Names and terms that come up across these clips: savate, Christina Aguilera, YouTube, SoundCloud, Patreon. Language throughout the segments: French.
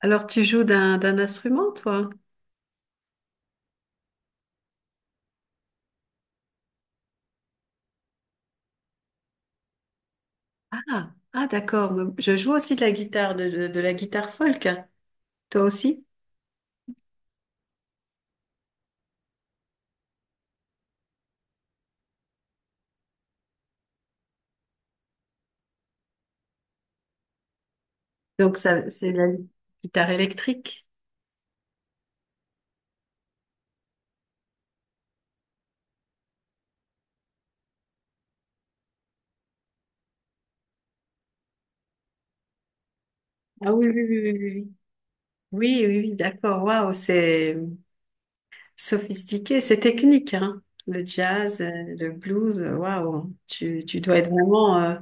Alors, tu joues d'un instrument, toi? Ah, ah, d'accord. Mais je joue aussi de la guitare, de la guitare folk. Toi aussi? Donc, ça, c'est la guitare électrique. Ah oui, oui, oui, oui, oui. Oui, oui, oui, oui, d'accord. Waouh, c'est sophistiqué, c'est technique, hein. Le jazz, le blues, waouh. Tu dois être vraiment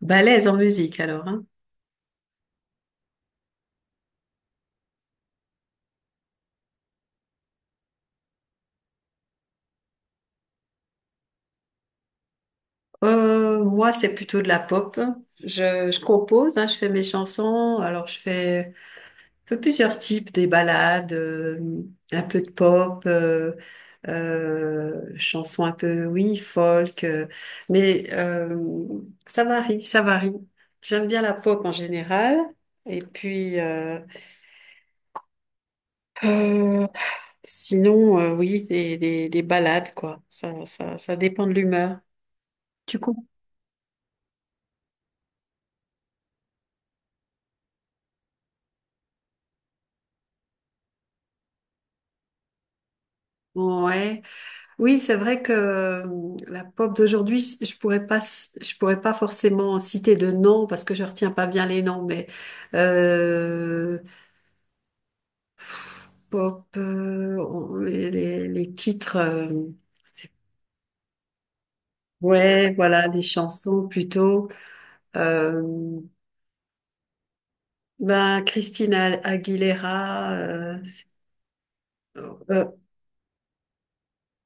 balèze en musique, alors, hein. Moi, c'est plutôt de la pop. Je compose, hein, je fais mes chansons. Alors, je fais un peu plusieurs types, des balades, un peu de pop, chansons un peu, oui, folk, mais euh, ça varie, ça varie. J'aime bien la pop en général, et puis euh, sinon, oui, des balades, quoi. Ça dépend de l'humeur. Tu comprends. Ouais. Oui, c'est vrai que la pop d'aujourd'hui, je pourrais pas forcément citer de noms parce que je retiens pas bien les noms, mais euh, pop, les titres, c'est- ouais, voilà, les chansons plutôt. Euh, ben Christina Aguilera, euh,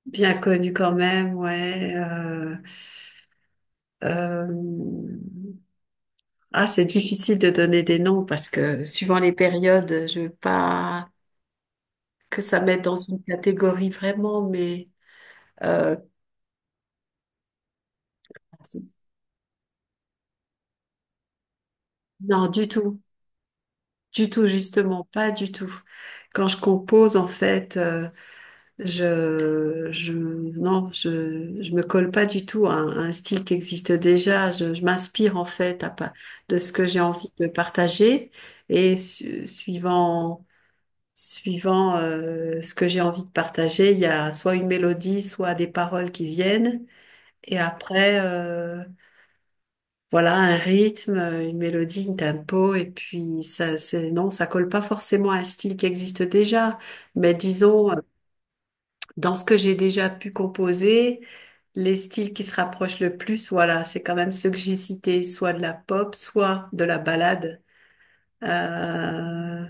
bien connue quand même, ouais. Euh, Ah, c'est difficile de donner des noms parce que suivant les périodes, je veux pas que ça mette dans une catégorie vraiment, mais euh, c'est- non, du tout, justement, pas du tout. Quand je compose, en fait, non, je me colle pas du tout à à un style qui existe déjà. Je m'inspire en fait de ce que j'ai envie de partager et suivant. Suivant ce que j'ai envie de partager, il y a soit une mélodie, soit des paroles qui viennent. Et après, voilà, un rythme, une mélodie, un tempo. Et puis, c'est, non, ça colle pas forcément à un style qui existe déjà. Mais disons, dans ce que j'ai déjà pu composer, les styles qui se rapprochent le plus, voilà, c'est quand même ceux que j'ai cités, soit de la pop, soit de la ballade. Euh,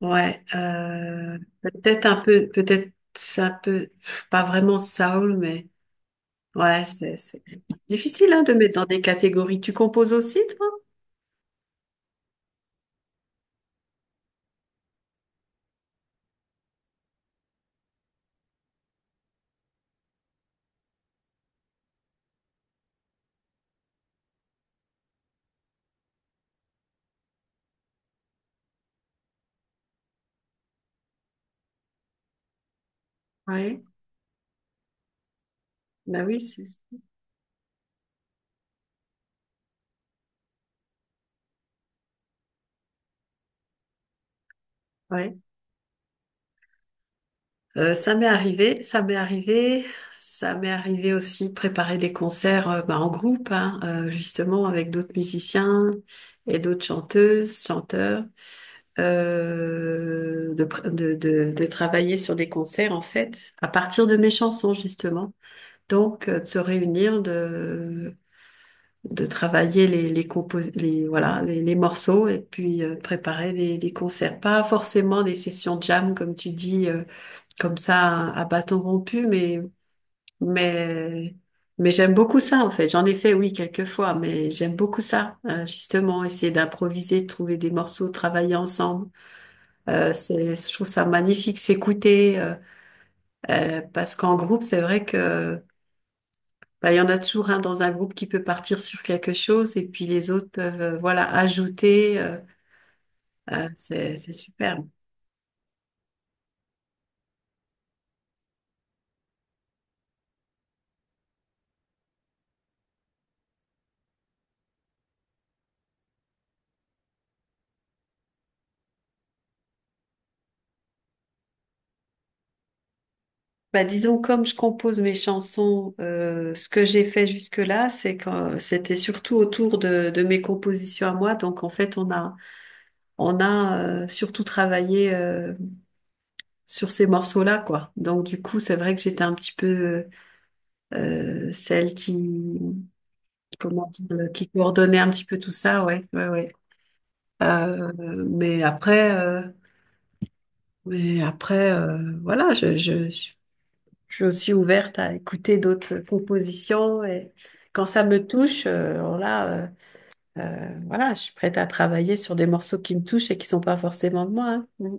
Ouais, peut-être un peu, pff, pas vraiment soul, mais ouais, c'est difficile hein, de mettre dans des catégories. Tu composes aussi, toi? Ouais, bah oui, c'est ouais. Ça m'est arrivé, ça m'est arrivé aussi de préparer des concerts bah, en groupe, hein, justement avec d'autres musiciens et d'autres chanteuses, chanteurs, de, pr- de travailler sur des concerts en fait, à partir de mes chansons justement. Donc, de se réunir, de travailler voilà, les morceaux et puis préparer des concerts. Pas forcément des sessions jam, comme tu dis, comme ça, à bâton rompu, mais, mais j'aime beaucoup ça, en fait. J'en ai fait, oui, quelques fois, mais j'aime beaucoup ça, hein, justement, essayer d'improviser, de trouver des morceaux, travailler ensemble. C'est, je trouve ça magnifique, s'écouter, parce qu'en groupe, c'est vrai que bah, il y en a toujours un dans un groupe qui peut partir sur quelque chose et puis les autres peuvent voilà ajouter. C'est superbe. Bah, disons comme je compose mes chansons, ce que j'ai fait jusque-là, c'est que c'était surtout autour de mes compositions à moi. Donc en fait, on a surtout travaillé sur ces morceaux-là quoi. Donc du coup, c'est vrai que j'étais un petit peu celle qui comment dire, qui coordonnait un petit peu tout ça. Ouais, ouais, ouais. Euh, mais après, euh, mais après, voilà, je suis aussi ouverte à écouter d'autres compositions et quand ça me touche, voilà, je suis prête à travailler sur des morceaux qui me touchent et qui sont pas forcément de moi. Hein. Mmh.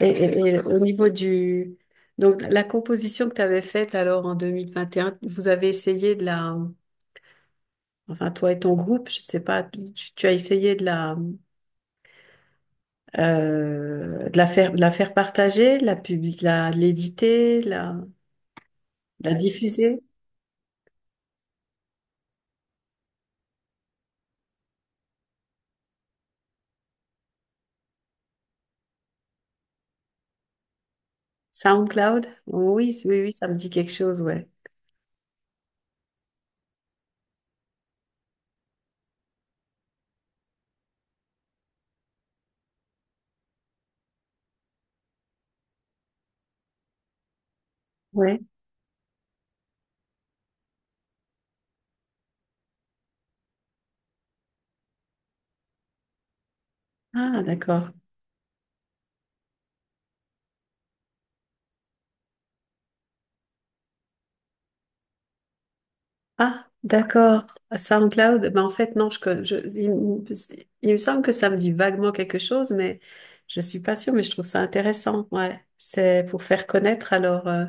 Et, et au niveau du, donc la composition que tu avais faite alors en 2021, vous avez essayé de la, enfin toi et ton groupe, je sais pas, tu as essayé de la de la faire partager, de l'éditer, de la diffuser. SoundCloud? Oui, oui, oui, ça me dit quelque chose, ouais. Ouais. Ah, d'accord. Ah, d'accord. SoundCloud, ben en fait, non, je, con- je, il me semble que ça me dit vaguement quelque chose, mais je suis pas sûre, mais je trouve ça intéressant. Ouais. C'est pour faire connaître alors. Euh,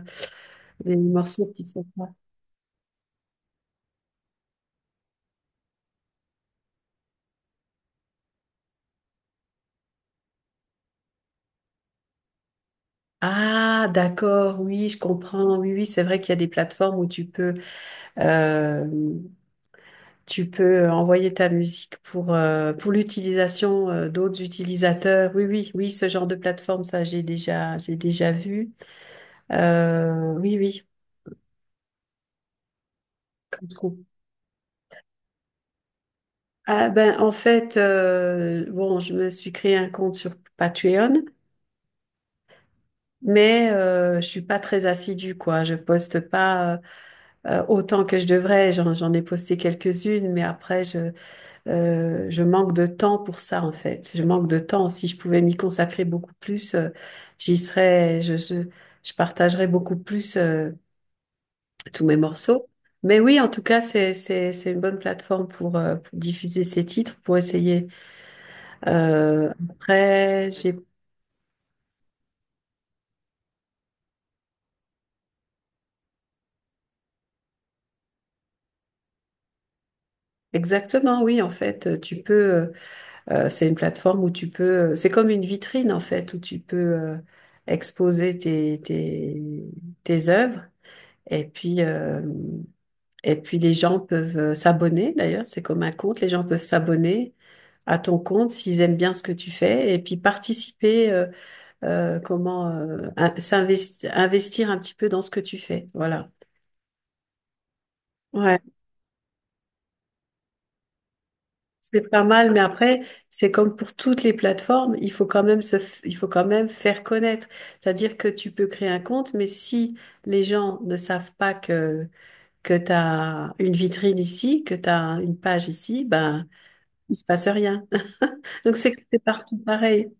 des morceaux qui sont pas. Ah, d'accord, oui, je comprends. Oui, oui, c'est vrai qu'il y a des plateformes où euh, tu peux envoyer ta musique pour l'utilisation, d'autres utilisateurs. Oui, oui, oui, ce genre de plateforme, ça, j'ai déjà vu. Oui, oui. Comme trouve. Ah, ben, en fait, bon, je me suis créé un compte sur Patreon. Mais je suis pas très assidue, quoi. Je poste pas. Autant que je devrais. J'en ai posté quelques-unes, mais après, je manque de temps pour ça, en fait. Je manque de temps. Si je pouvais m'y consacrer beaucoup plus, j'y serais, je partagerais beaucoup plus tous mes morceaux. Mais oui, en tout cas, c'est une bonne plateforme pour diffuser ces titres, pour essayer. Après, j'ai exactement, oui, en fait, tu peux, euh, c'est une plateforme où tu peux, c'est comme une vitrine en fait, où tu peux exposer tes œuvres et puis, euh, et puis les gens peuvent s'abonner d'ailleurs, c'est comme un compte, les gens peuvent s'abonner à ton compte s'ils aiment bien ce que tu fais et puis participer, comment investir un petit peu dans ce que tu fais. Voilà. C'est pas mal, mais après, c'est comme pour toutes les plateformes, il faut quand même il faut quand même faire connaître. C'est-à-dire que tu peux créer un compte, mais si les gens ne savent pas que, que tu as une vitrine ici, que tu as une page ici, ben, il se passe rien. Donc c'est partout pareil.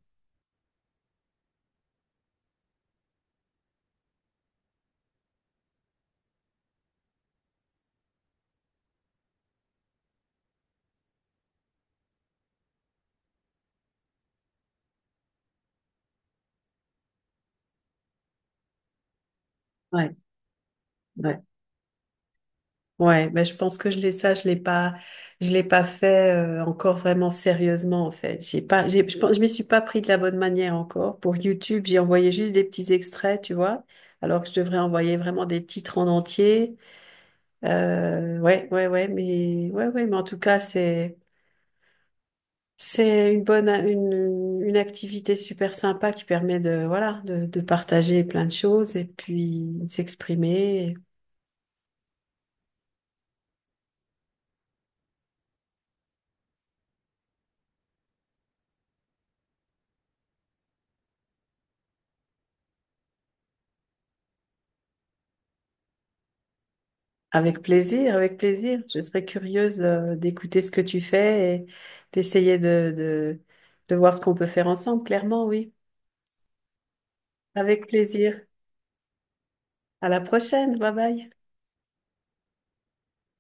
Ouais, ouais. Ouais, mais je pense que je l'ai ça, je l'ai pas fait encore vraiment sérieusement en fait. J'ai pas, j'ai, je pense, je m'y suis pas pris de la bonne manière encore. Pour YouTube, j'ai envoyé juste des petits extraits, tu vois, alors que je devrais envoyer vraiment des titres en entier. Ouais, ouais, ouais, mais en tout cas, c'est une bonne, une activité super sympa qui permet de, voilà, de partager plein de choses et puis de s'exprimer. Avec plaisir, avec plaisir. Je serais curieuse d'écouter ce que tu fais et d'essayer de voir ce qu'on peut faire ensemble, clairement, oui. Avec plaisir. À la prochaine. Bye bye.